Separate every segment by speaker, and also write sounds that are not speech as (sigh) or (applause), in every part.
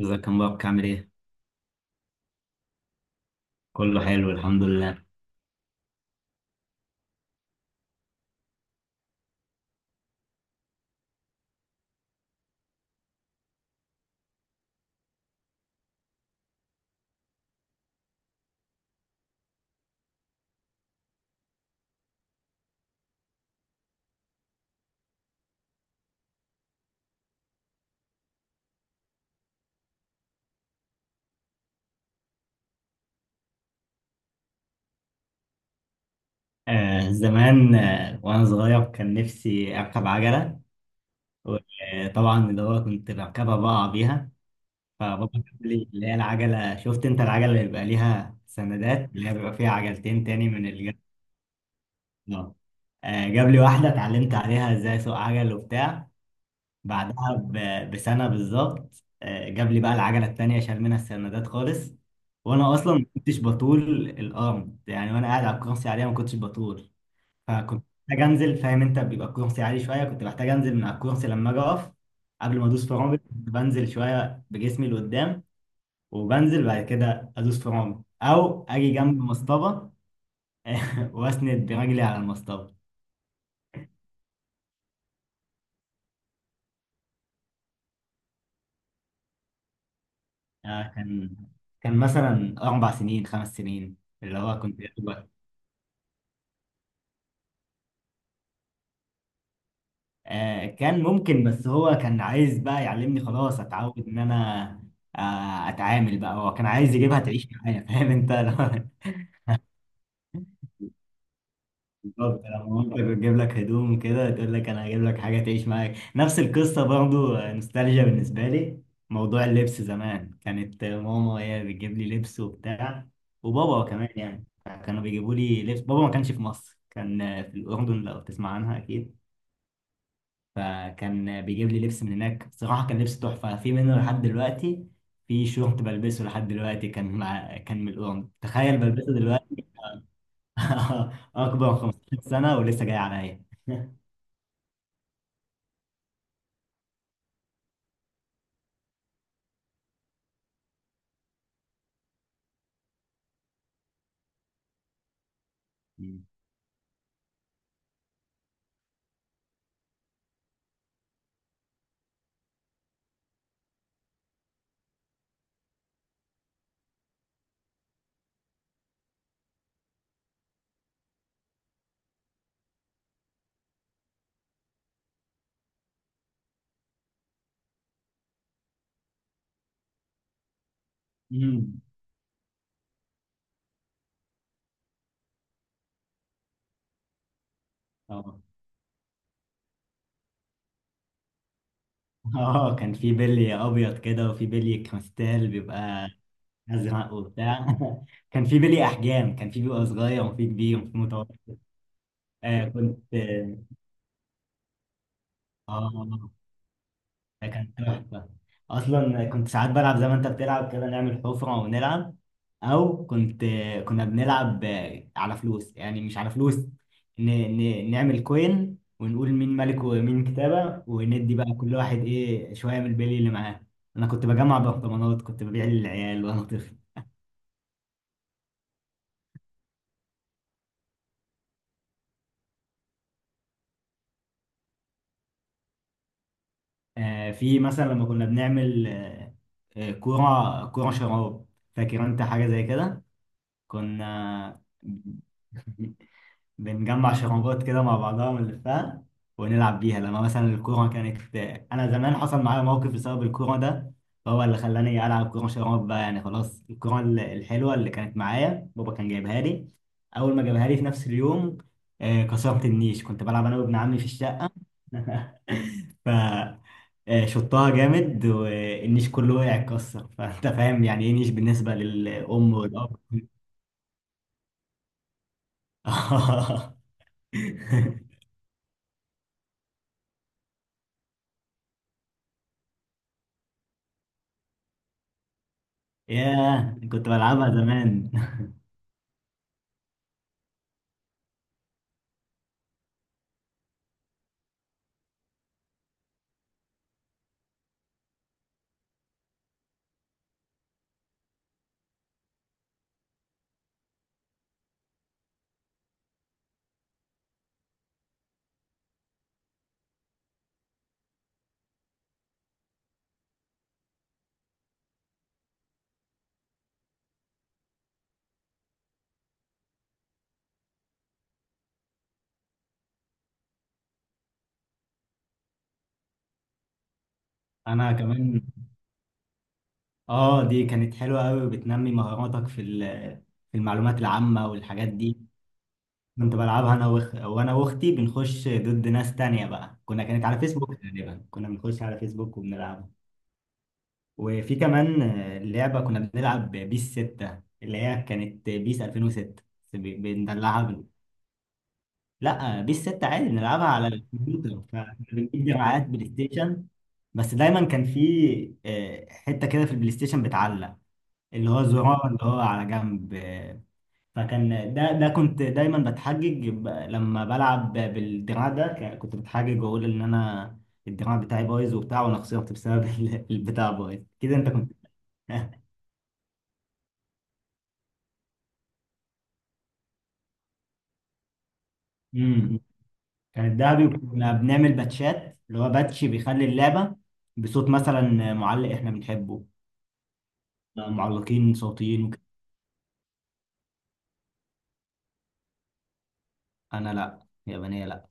Speaker 1: ازيك يا مبارك عامل ايه؟ كله حلو الحمد لله. زمان وانا صغير كان نفسي اركب عجلة. وطبعا اللي هو كنت بركبها بقع بيها. فبابا جاب لي اللي هي العجلة، شفت انت العجلة اللي بيبقى ليها سندات؟ اللي هي بيبقى فيها عجلتين تاني من الجنب. جاب لي واحدة اتعلمت عليها ازاي اسوق عجل وبتاع. بعدها بسنة بالظبط جاب لي بقى العجلة التانية شال منها السندات خالص. وانا اصلا ما كنتش بطول الارم يعني، وانا قاعد على الكرسي عليها ما كنتش بطول. فكنت محتاج انزل، فاهم انت بيبقى الكرسي عالي شوية، كنت محتاج انزل من على الكرسي لما اجي اقف. قبل ما ادوس فرامل كنت بنزل شوية بجسمي لقدام. وبنزل بعد كده ادوس فرامل او اجي جنب مصطبة. (laughs) واسند برجلي على المصطبة. آه، كان كان مثلا اربع سنين خمس سنين. اللي هو كنت كان ممكن، بس هو كان عايز بقى يعلمني خلاص اتعود ان انا اتعامل بقى، هو كان عايز يجيبها تعيش معايا، فاهم انت (laughs) بالظبط، لما مامتك بتجيب لك هدوم كده تقول لك انا هجيب لك حاجه تعيش معاك، نفس القصه برضو. نوستالجيا بالنسبه لي موضوع اللبس زمان. كانت ماما هي بتجيب لي لبس وبتاع، وبابا كمان يعني كانوا بيجيبوا لي لبس. بابا ما كانش في مصر، كان في الاردن، لو تسمع عنها اكيد. فكان بيجيب لي لبس من هناك، بصراحة كان لبس تحفة، في منه لحد دلوقتي. في شورت بلبسه لحد دلوقتي كان من الأورنج، تخيل بلبسه دلوقتي. (laughs) أكبر من 15 سنة ولسه جاي عليا. (laughs) أمم. اه، اه، كان في بلي أبيض كده وفي بلي كريستال بيبقى أزرق وبتاع. (laughs) كان في بلي أحجام، كان في بيبقى صغير وفي كبير وفي متوسط. آه كنت اه آه. ده كان تحفة. أصلا كنت ساعات بلعب زي ما أنت بتلعب كده، نعمل حفرة ونلعب. أو كنت كنا بنلعب على فلوس، يعني مش على فلوس، نعمل كوين ونقول مين ملك ومين كتابة، وندي بقى كل واحد إيه شوية من البلي اللي معاه. أنا كنت بجمع برطمانات، كنت ببيع للعيال وأنا طفل. في مثلا لما كنا بنعمل كورة شراب، فاكر أنت حاجة زي كده؟ كنا (laughs) بنجمع شرابات كده مع بعضها ونلفها ونلعب بيها، لما مثلا الكورة كانت. أنا زمان حصل معايا موقف بسبب الكورة ده، هو اللي خلاني ألعب كورة شراب بقى، يعني خلاص الكورة الحلوة اللي كانت معايا بابا كان جايبها لي، أول ما جابها لي في نفس اليوم كسرت النيش. كنت بلعب أنا وابن عمي في الشقة (laughs) ف آه، شطها جامد والنيش كله وقع اتكسر. (laughs) فأنت فاهم يعني إيه نيش بالنسبة للأم والأب. (laughs) (laughs) ياه، كنت بلعبها زمان. (laughs) انا كمان. اه، دي كانت حلوه قوي وبتنمي مهاراتك في المعلومات العامه والحاجات دي. كنت بلعبها انا وانا واختي، بنخش ضد ناس تانية بقى. كنا كانت على فيسبوك تقريبا، كنا بنخش على فيسبوك وبنلعبها. وفي كمان لعبه كنا بنلعب، بيس 6، اللي هي كانت بيس 2006، بندلعها. لا، بيس 6 عادي، بنلعبها على الكمبيوتر فبنجيب دراعات بلاي ستيشن. بس دايما كان في حته كده في البلاي ستيشن بتعلق، اللي هو الزرار اللي هو على جنب فكان ده، كنت دايما بتحجج لما بلعب بالدراع ده كنت بتحجج واقول ان انا الدراع بتاعي بايظ وبتاع، وانا خسرت بسبب (laughs) البتاع بايظ كده، انت كنت. (laughs) امم. كان الدهبي، وكنا بنعمل باتشات، اللي هو باتش بيخلي اللعبه بصوت مثلا معلق احنا بنحبه. لا، معلقين صوتيين انا، لا يابانية لا.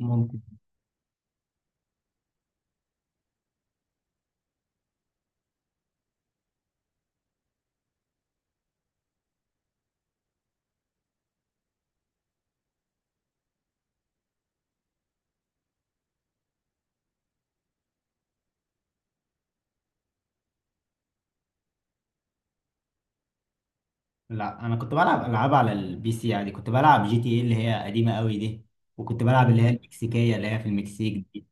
Speaker 1: ممكن. لا، انا كنت بلعب العاب على البي سي، يعني كنت بلعب جي تي ايه اللي هي قديمة قوي دي، وكنت بلعب اللي هي المكسيكية اللي هي في المكسيك دي.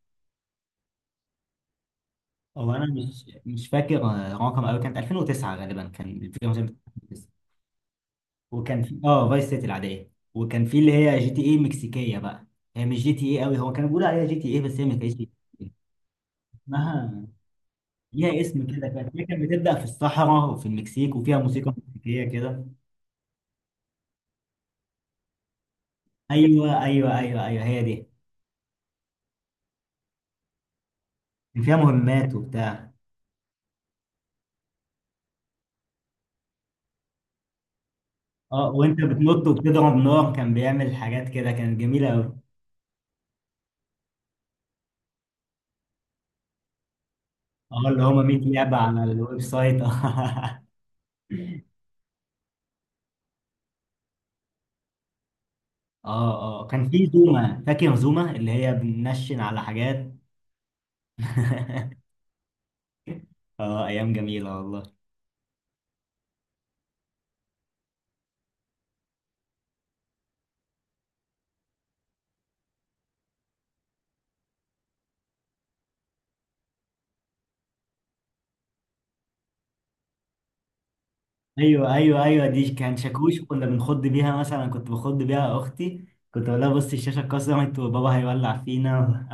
Speaker 1: هو انا مش فاكر رقم قوي، كانت 2009 غالبا، كان الفيديو مثلا 2009. وكان في فايس سيتي العادية، وكان في اللي هي جي تي ايه المكسيكية بقى. هي مش جي تي ايه قوي، هو كانوا بيقولوا عليها جي تي ايه بس هي ما كانتش GTA. اسمها ليها اسم كده، كانت، هي كانت بتبدأ في الصحراء وفي المكسيك، وفيها موسيقى مكسيكية كده. ايوه، ايوه، ايوه، ايوه، هي دي. كان فيها مهمات وبتاع. اه، وانت بتنط وبتضرب نار، كان بيعمل حاجات كده كانت جميله قوي. اه، اللي هما 100 لعبه على الويب سايت. (laughs) اه. اه، كان في زوما، فاكر زوما اللي هي بننشن على حاجات. (laughs) اه، ايام جميله والله. ايوه، ايوه، ايوه، دي كان شاكوش، كنا بنخض بيها، مثلا كنت بخض بيها اختي، كنت بقول لها بصي الشاشه اتكسرت وبابا هيولع فينا.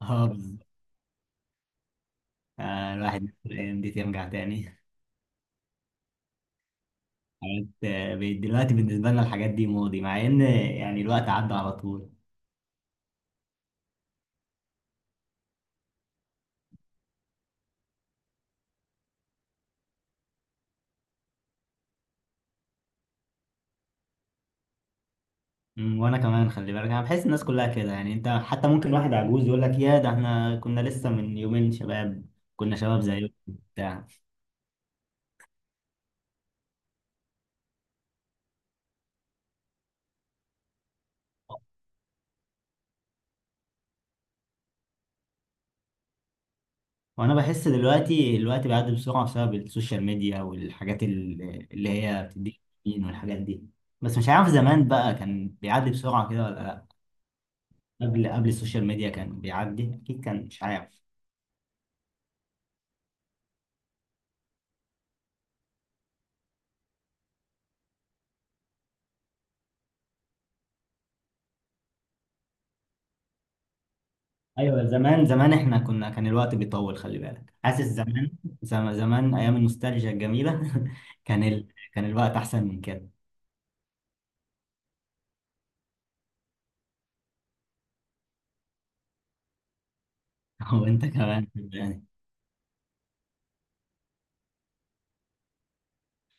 Speaker 1: (laughs) اه، بالظبط. الواحد نفسه الايام دي ترجع تاني. حاجات بقت دلوقتي بالنسبة لنا الحاجات دي موضي، مع ان يعني الوقت عدى على طول. وانا كمان خلي بالك، انا بحس الناس كلها كده، يعني انت حتى ممكن واحد عجوز يقول لك يا ده احنا كنا لسه من يومين شباب، كنا شباب زيكم بتاع وانا بحس دلوقتي الوقت بيعدي بسرعة بسبب السوشيال ميديا والحاجات اللي هي بتديك دوبامين والحاجات دي. بس مش عارف زمان بقى كان بيعدي بسرعة كده ولا لا. قبل السوشيال ميديا كان بيعدي اكيد، كان مش عارف. ايوه، زمان زمان احنا كنا، كان الوقت بيطول، خلي بالك حاسس زمان. زمان ايام النوستالجيا الجميله. (laughs) كان ال... كان الوقت احسن من كده. (laughs) وانت كمان يعني.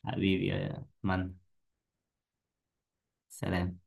Speaker 1: حبيبي يا من. سلام.